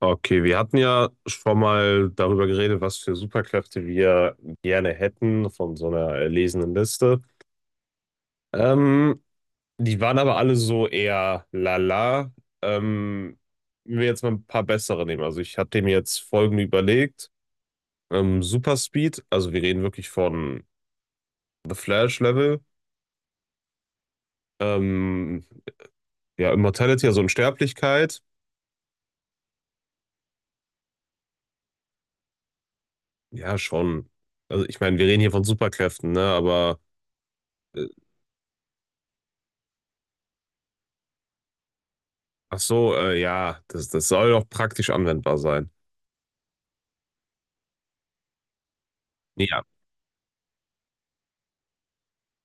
Okay, wir hatten ja schon mal darüber geredet, was für Superkräfte wir gerne hätten von so einer erlesenen Liste. Ähm, Die waren aber alle so eher lala. Ähm, Wenn wir jetzt mal ein paar bessere nehmen. Also ich hatte mir jetzt folgende überlegt. Super Speed, also wir reden wirklich von The Flash Level. Ähm, ja, Immortality, also Unsterblichkeit. Ja, schon. Also ich meine, wir reden hier von Superkräften, ne? Aber ach so, ja, das soll doch praktisch anwendbar sein. Ja.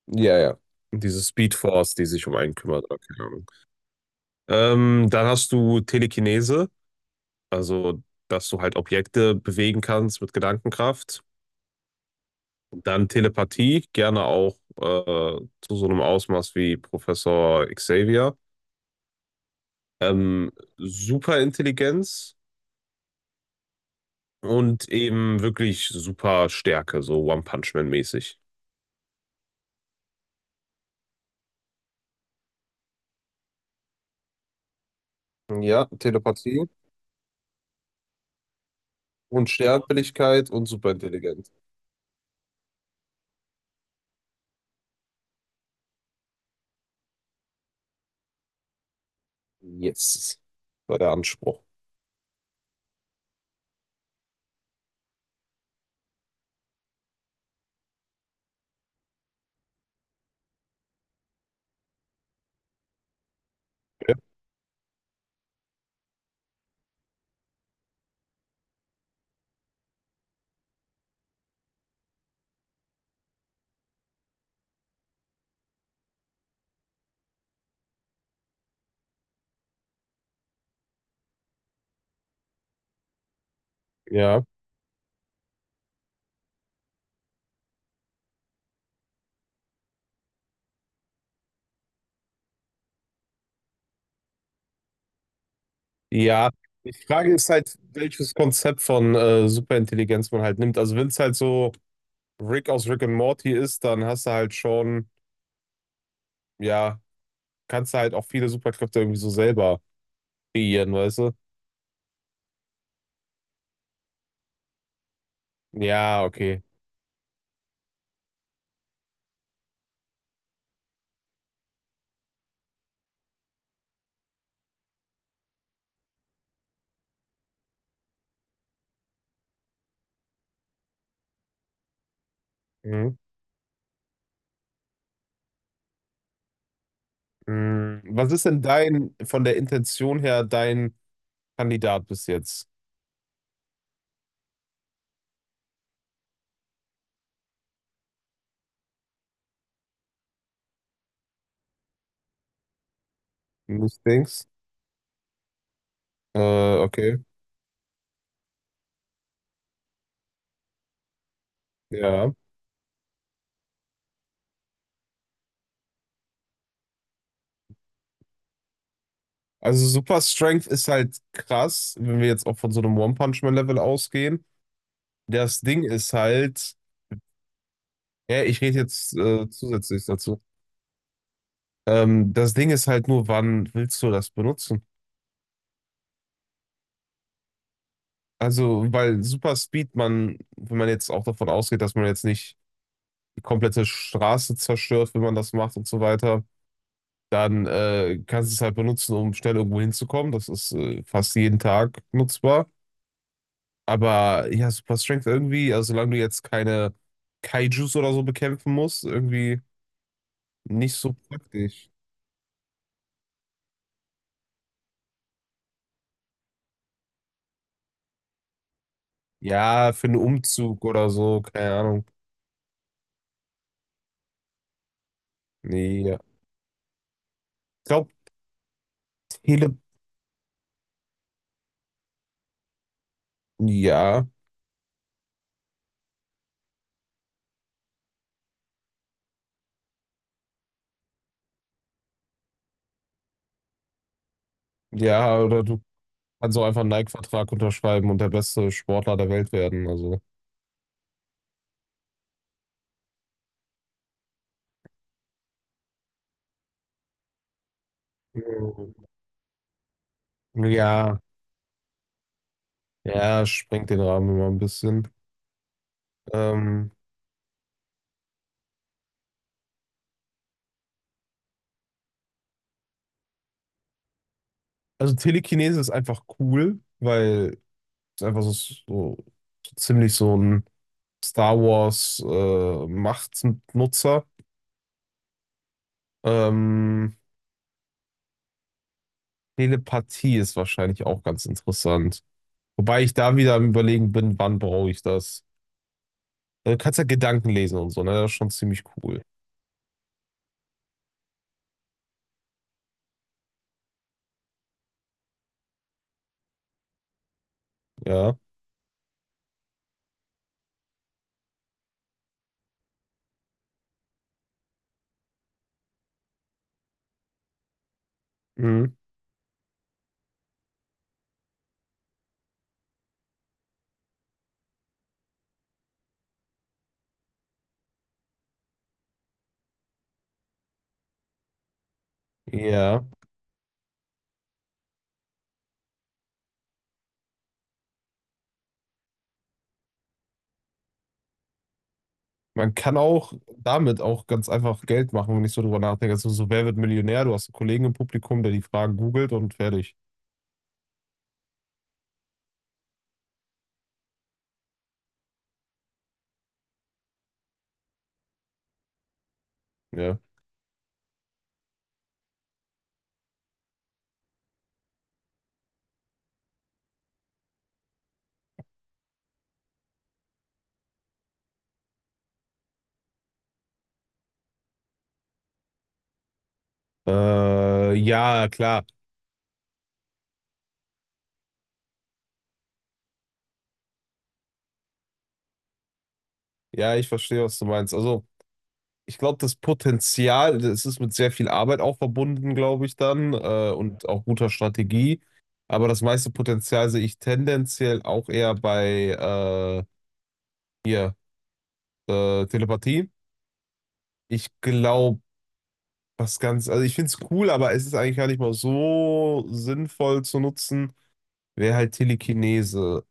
Ja, ja. Diese Speed Force, die sich um einen kümmert, oder keine Ahnung. Dann hast du Telekinese, also dass du halt Objekte bewegen kannst mit Gedankenkraft. Dann Telepathie, gerne auch zu so einem Ausmaß wie Professor Xavier. Ähm, Superintelligenz und eben wirklich super Stärke, so One-Punch-Man-mäßig. Ja, Telepathie. Unsterblichkeit und superintelligent. Yes, war der Anspruch. Okay. Ja. Ja. Die Frage ist halt, welches Konzept von Superintelligenz man halt nimmt. Also wenn es halt so Rick aus Rick and Morty ist, dann hast du halt schon, ja, kannst du halt auch viele Superkräfte irgendwie so selber kreieren, weißt du? Ja, okay. Mhm. Mhm. Was ist denn dein, von der Intention her, dein Kandidat bis jetzt? Nicht Dings? Okay. Ja. Also Super Strength ist halt krass, wenn wir jetzt auch von so einem One Punch Man Level ausgehen. Das Ding ist halt, ja, ich rede jetzt zusätzlich dazu. Das Ding ist halt nur, wann willst du das benutzen? Also, weil Super Speed, man, wenn man jetzt auch davon ausgeht, dass man jetzt nicht die komplette Straße zerstört, wenn man das macht und so weiter, dann kannst du es halt benutzen, um schnell irgendwo hinzukommen. Das ist fast jeden Tag nutzbar. Aber ja, Super Strength irgendwie, also solange du jetzt keine Kaijus oder so bekämpfen musst, irgendwie nicht so praktisch. Ja, für einen Umzug oder so, keine Ahnung. Nee, ja. Ich glaube, Tele. Ja, ja, oder du kannst auch einfach einen Nike-Vertrag unterschreiben und der beste Sportler der Welt werden. Also. Ja, ja, sprengt den Rahmen immer ein bisschen. Ähm, also Telekinese ist einfach cool, weil es einfach so ziemlich so ein Star Wars Machtnutzer. Ähm, Telepathie ist wahrscheinlich auch ganz interessant. Wobei ich da wieder am Überlegen bin, wann brauche ich das? Du kannst ja Gedanken lesen und so, ne? Das ist schon ziemlich cool. Ja. Mhm. Ja. Man kann auch damit auch ganz einfach Geld machen, wenn ich so drüber nachdenke. Also so, wer wird Millionär? Du hast einen Kollegen im Publikum, der die Fragen googelt und fertig. Ja. Ja, klar. Ja, ich verstehe, was du meinst. Also ich glaube, das Potenzial, das ist mit sehr viel Arbeit auch verbunden, glaube ich dann, und auch guter Strategie. Aber das meiste Potenzial sehe ich tendenziell auch eher bei äh, hier, Telepathie. Ich glaube, was ganz, also ich finde es cool, aber es ist eigentlich gar nicht mal so sinnvoll zu nutzen, wäre halt Telekinese.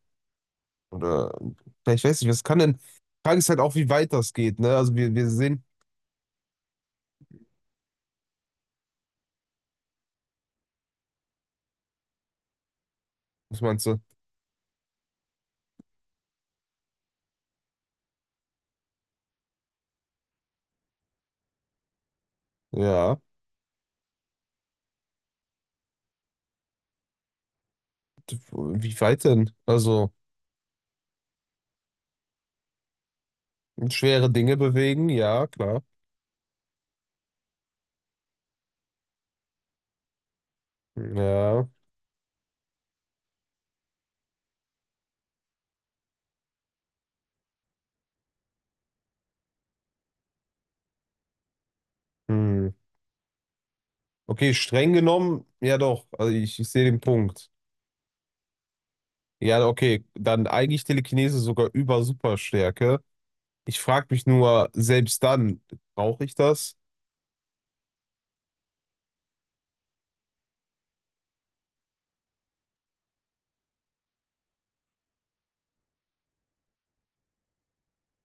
Oder vielleicht weiß ich, was kann denn. Die Frage ist halt auch, wie weit das geht, ne? Also wir sehen, was meinst du? Ja, wie weit denn? Also. Schwere Dinge bewegen, ja, klar. Ja. Hm. Okay, streng genommen, ja doch. Also ich sehe den Punkt. Ja, okay. Dann eigentlich Telekinese sogar über Superstärke. Ich frage mich nur, selbst dann, brauche ich das?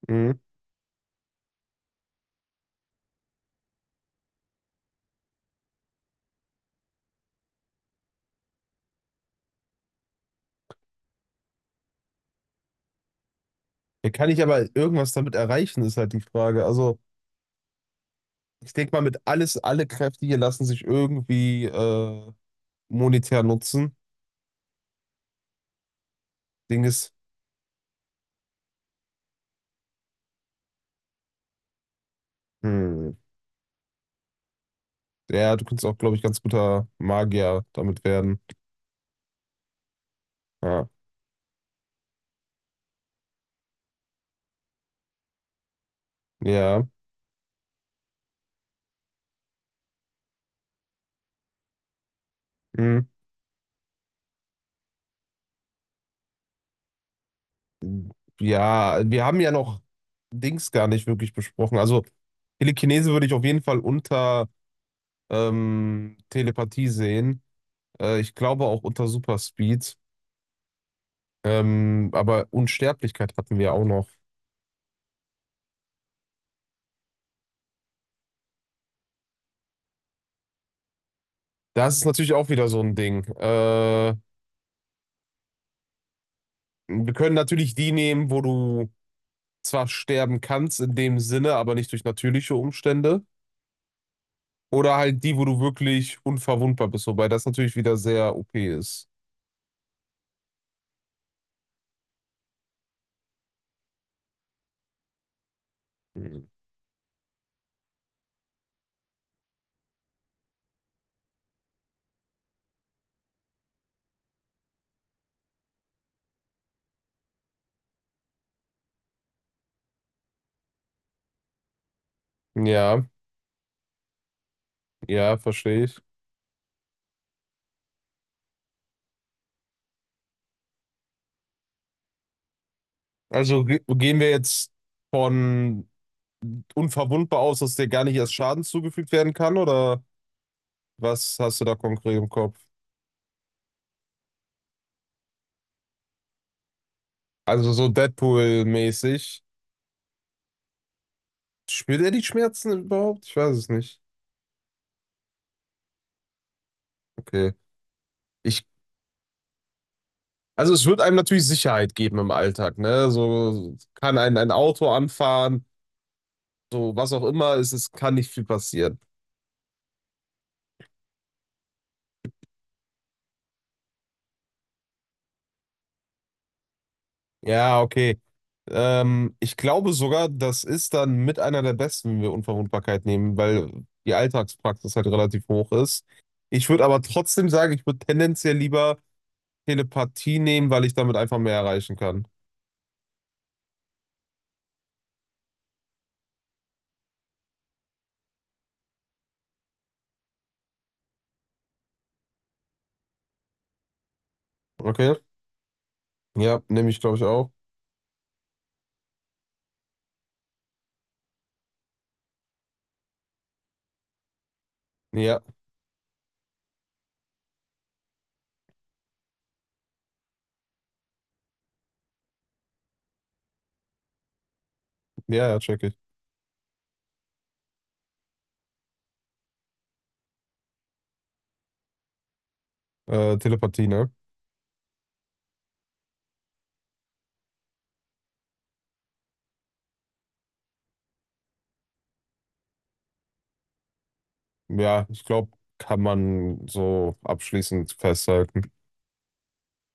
Hm. Ja, kann ich aber irgendwas damit erreichen, ist halt die Frage. Also, ich denke mal, alle Kräfte hier lassen sich irgendwie monetär nutzen. Ding ist, hm. Ja, du könntest auch, glaube ich, ganz guter Magier damit werden. Ja. Ja. Hm. Ja, wir haben ja noch Dings gar nicht wirklich besprochen. Also Telekinese würde ich auf jeden Fall unter Telepathie sehen. Ich glaube auch unter Superspeed. Aber Unsterblichkeit hatten wir auch noch. Das ist natürlich auch wieder so ein Ding. Wir können natürlich die nehmen, wo du zwar sterben kannst in dem Sinne, aber nicht durch natürliche Umstände. Oder halt die, wo du wirklich unverwundbar bist, wobei das natürlich wieder sehr OP ist. Mhm. Ja, ja, verstehe ich. Also ge gehen wir jetzt von unverwundbar aus, dass dir gar nicht erst Schaden zugefügt werden kann, oder was hast du da konkret im Kopf? Also so Deadpool-mäßig. Spürt er die Schmerzen überhaupt? Ich weiß es nicht. Okay. Ich, also es wird einem natürlich Sicherheit geben im Alltag, ne? So kann ein Auto anfahren, so was auch immer, es kann nicht viel passieren. Ja, okay. Ich glaube sogar, das ist dann mit einer der besten, wenn wir Unverwundbarkeit nehmen, weil die Alltagspraxis halt relativ hoch ist. Ich würde aber trotzdem sagen, ich würde tendenziell lieber Telepathie nehmen, weil ich damit einfach mehr erreichen kann. Okay? Ja, nehme ich, glaube ich, auch. Ja, ja, ja, check ich. Telepathie, ne? Ja, ich glaube, kann man so abschließend festhalten.